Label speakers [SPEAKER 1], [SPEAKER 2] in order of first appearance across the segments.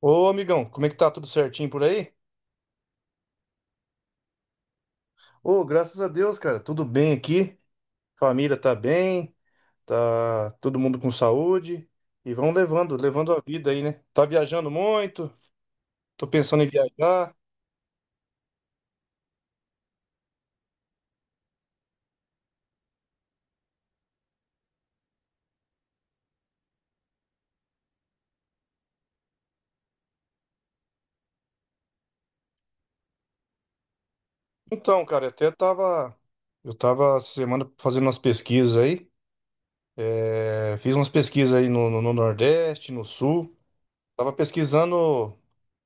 [SPEAKER 1] Ô, amigão, como é que tá? Tudo certinho por aí? Ô, graças a Deus, cara, tudo bem aqui. Família tá bem, tá todo mundo com saúde e vão levando, levando a vida aí, né? Tá viajando muito, tô pensando em viajar. Então, cara, até tava, eu tava essa semana fazendo umas pesquisas aí, fiz umas pesquisas aí no Nordeste, no Sul. Tava pesquisando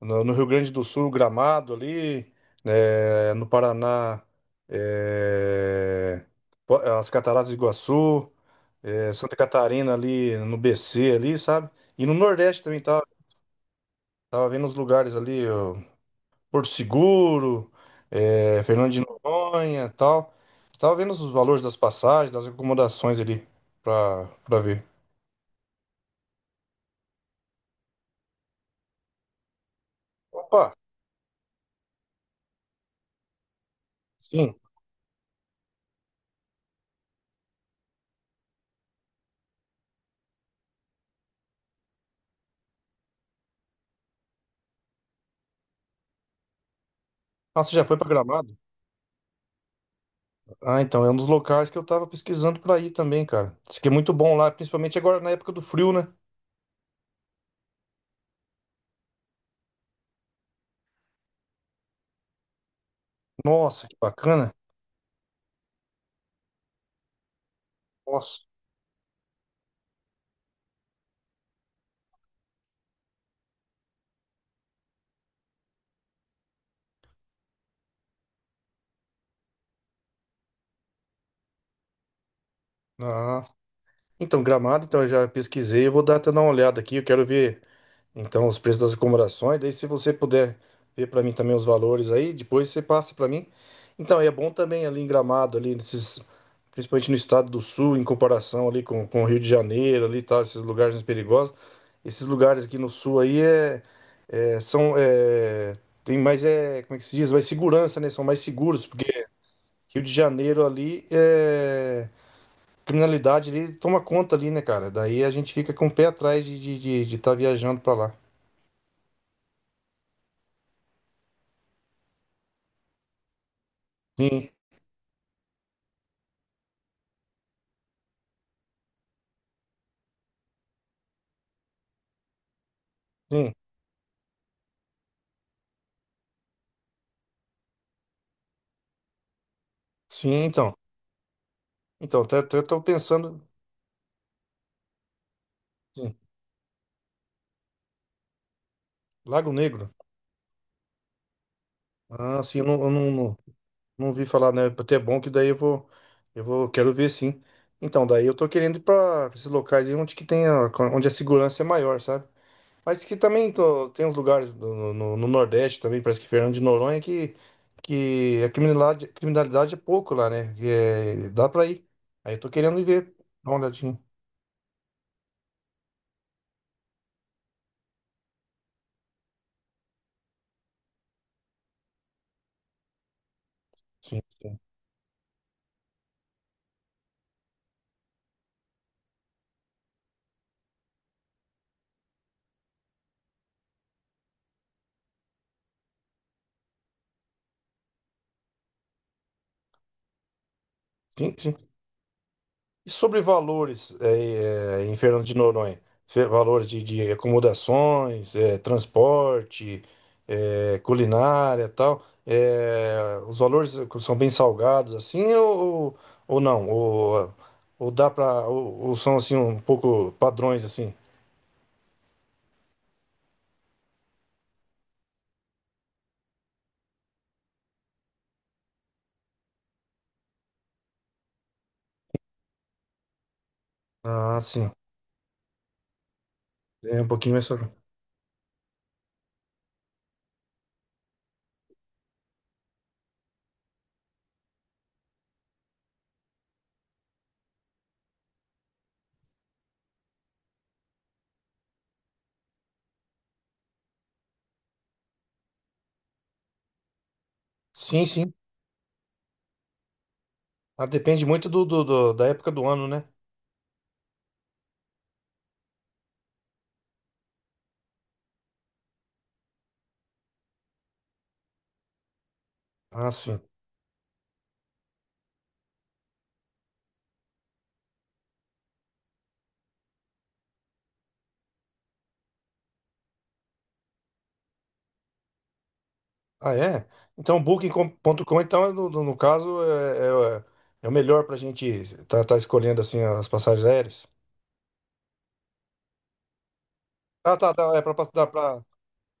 [SPEAKER 1] no Rio Grande do Sul, Gramado ali, no Paraná, eh, as Cataratas do Iguaçu, Santa Catarina ali, no BC ali, sabe? E no Nordeste também tava, tava vendo os lugares ali, ó, Porto Seguro, Fernando de Noronha, e tal. Tava vendo os valores das passagens, das acomodações ali, pra ver. Opa, sim. Nossa, você já foi pra Gramado? Ah, então, é um dos locais que eu tava pesquisando pra ir também, cara. Diz que é muito bom lá, principalmente agora na época do frio, né? Nossa, que bacana. Nossa. Ah. Então, Gramado, então eu já pesquisei, eu vou dar até dar uma olhada aqui, eu quero ver. Então, os preços das acomodações, daí se você puder ver para mim também os valores aí, depois você passa para mim. Então, é bom também ali em Gramado, ali nesses, principalmente no estado do Sul, em comparação ali com o Rio de Janeiro, ali e tal, esses lugares mais perigosos. Esses lugares aqui no Sul aí é, são é, tem mais é, como é que se diz? Mais segurança, né? São mais seguros, porque Rio de Janeiro ali é criminalidade ali toma conta ali, né, cara? Daí a gente fica com o pé atrás de estar de tá viajando para lá. Sim. Sim, sim, então. Então, até tô pensando. Sim, Lago Negro. Ah, sim, eu não, não, não vi falar, né? Até é bom que daí eu vou. Eu vou, quero ver sim. Então, daí eu tô querendo ir pra esses locais aí onde que tem a, onde a segurança é maior, sabe? Mas que também tem uns lugares no Nordeste também, parece que Fernando de Noronha, que a criminalidade é pouco lá, né? Dá pra ir. Aí eu tô querendo ir ver. Dá uma olhadinha. Sim, sim, sim. E sobre valores em Fernando de Noronha? Valores de acomodações, transporte, culinária tal. Os valores são bem salgados ou não? Ou dá para ou são assim um pouco padrões assim? Ah, sim. É um pouquinho mais salgado. Sim, sim. Ah, depende muito da época do ano, né? Ah, sim. Ah, é? Então, o Booking.com, então, no caso, é o melhor para a gente estar escolhendo assim as passagens aéreas. Ah, tá, é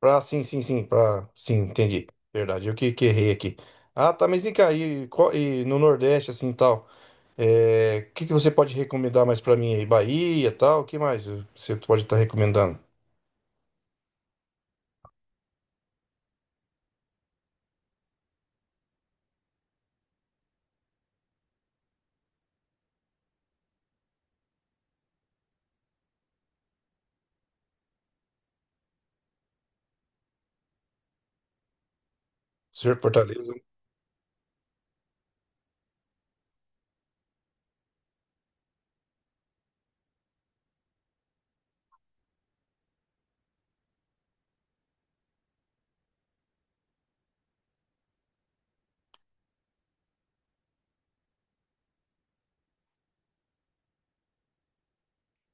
[SPEAKER 1] para sim, para sim, entendi. Verdade, eu que errei aqui. Ah, tá, mas vem cá, e, e no Nordeste, assim, tal, é, o que você pode recomendar mais para mim aí? Bahia, tal, o que mais você pode estar recomendando? Ser Fortaleza?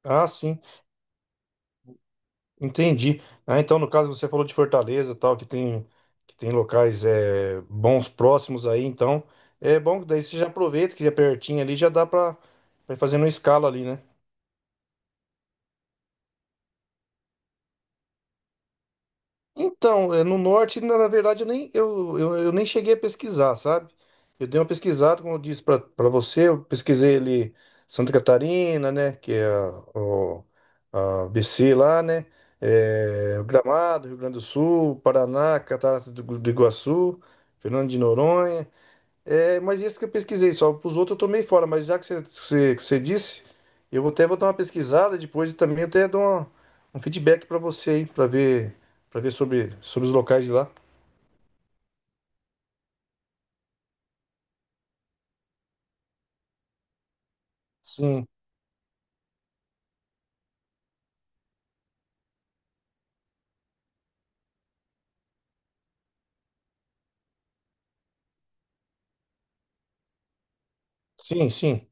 [SPEAKER 1] Ah, sim. Entendi. Ah, então, no caso, você falou de Fortaleza, tal, que tem locais é, bons próximos aí, então é bom que daí você já aproveita que é pertinho ali, já dá pra, pra ir fazendo uma escala ali, né? Então, é, no norte, na na verdade, eu nem cheguei a pesquisar, sabe? Eu dei uma pesquisada, como eu disse pra você, eu pesquisei ali Santa Catarina, né? Que é o, a BC lá, né? É, Gramado, Rio Grande do Sul, Paraná, do Iguaçu, Fernando de Noronha. É, mas isso que eu pesquisei só. Para os outros eu tomei fora, mas já que que você disse, eu vou até vou dar uma pesquisada depois e também um feedback para você aí, para ver sobre os locais de lá. Sim, sim, sim.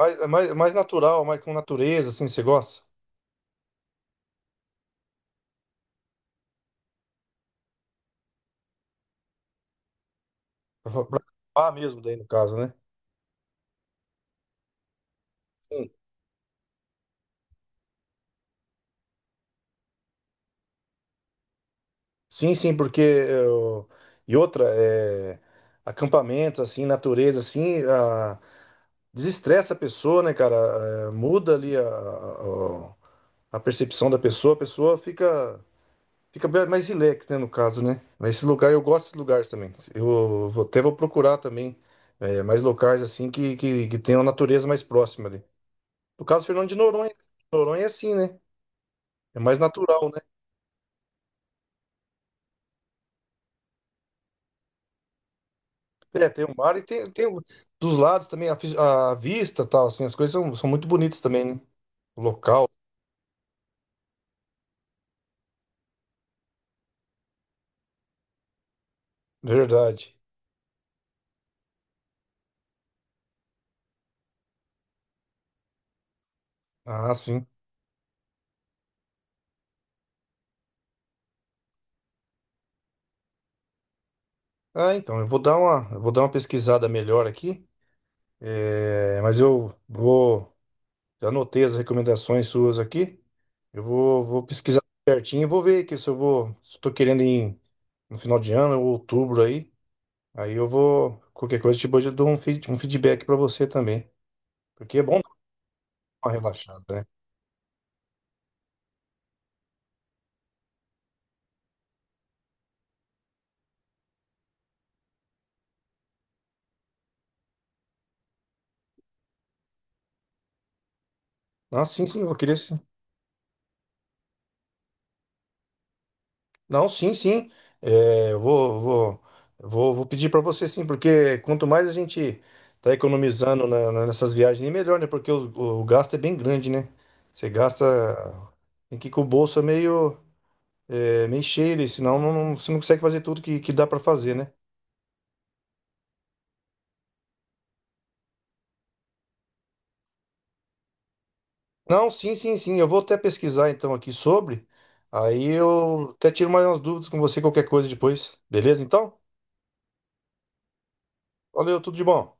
[SPEAKER 1] Mais, mais, mais natural, mais com natureza, assim, você gosta? Para acampar mesmo daí no caso, né? Sim, sim, sim, e outra, é, acampamentos, assim, natureza, desestressa a pessoa, né, cara? É, muda ali a percepção da pessoa, a pessoa fica fica bem mais relax, né, no caso, né? Mas esse lugar, eu gosto desses lugares também. Até vou procurar também é, mais locais assim que tenham a natureza mais próxima ali. No caso, Fernando de Noronha. Noronha é assim, né? É mais natural, né? É, tem o mar e tem dos lados também a, a vista tal, assim, as coisas são muito bonitas também, né? O local, verdade. Ah, sim. Ah, então, eu vou dar uma pesquisada melhor aqui, é, mas eu vou já anotei as recomendações suas aqui. Vou pesquisar certinho e vou ver que se eu vou, se eu tô querendo ir no final de ano ou outubro aí, aí eu vou, qualquer coisa, tipo, hoje eu dou um, um feedback para você também, porque é bom dar uma relaxada, né? Não, sim, sim, eu vou querer sim. Não, sim, sim. É, eu vou, vou, vou, vou pedir para você sim, porque quanto mais a gente tá economizando nessas viagens, melhor, né? Porque o gasto é bem grande, né? Você gasta, tem que ir com o bolso meio é, mexer ele, senão você não consegue fazer tudo que dá para fazer, né? Não, sim, sim, sim. Eu vou até pesquisar então aqui sobre. Aí eu até tiro mais umas dúvidas com você, qualquer coisa depois. Beleza, então? Valeu, tudo de bom.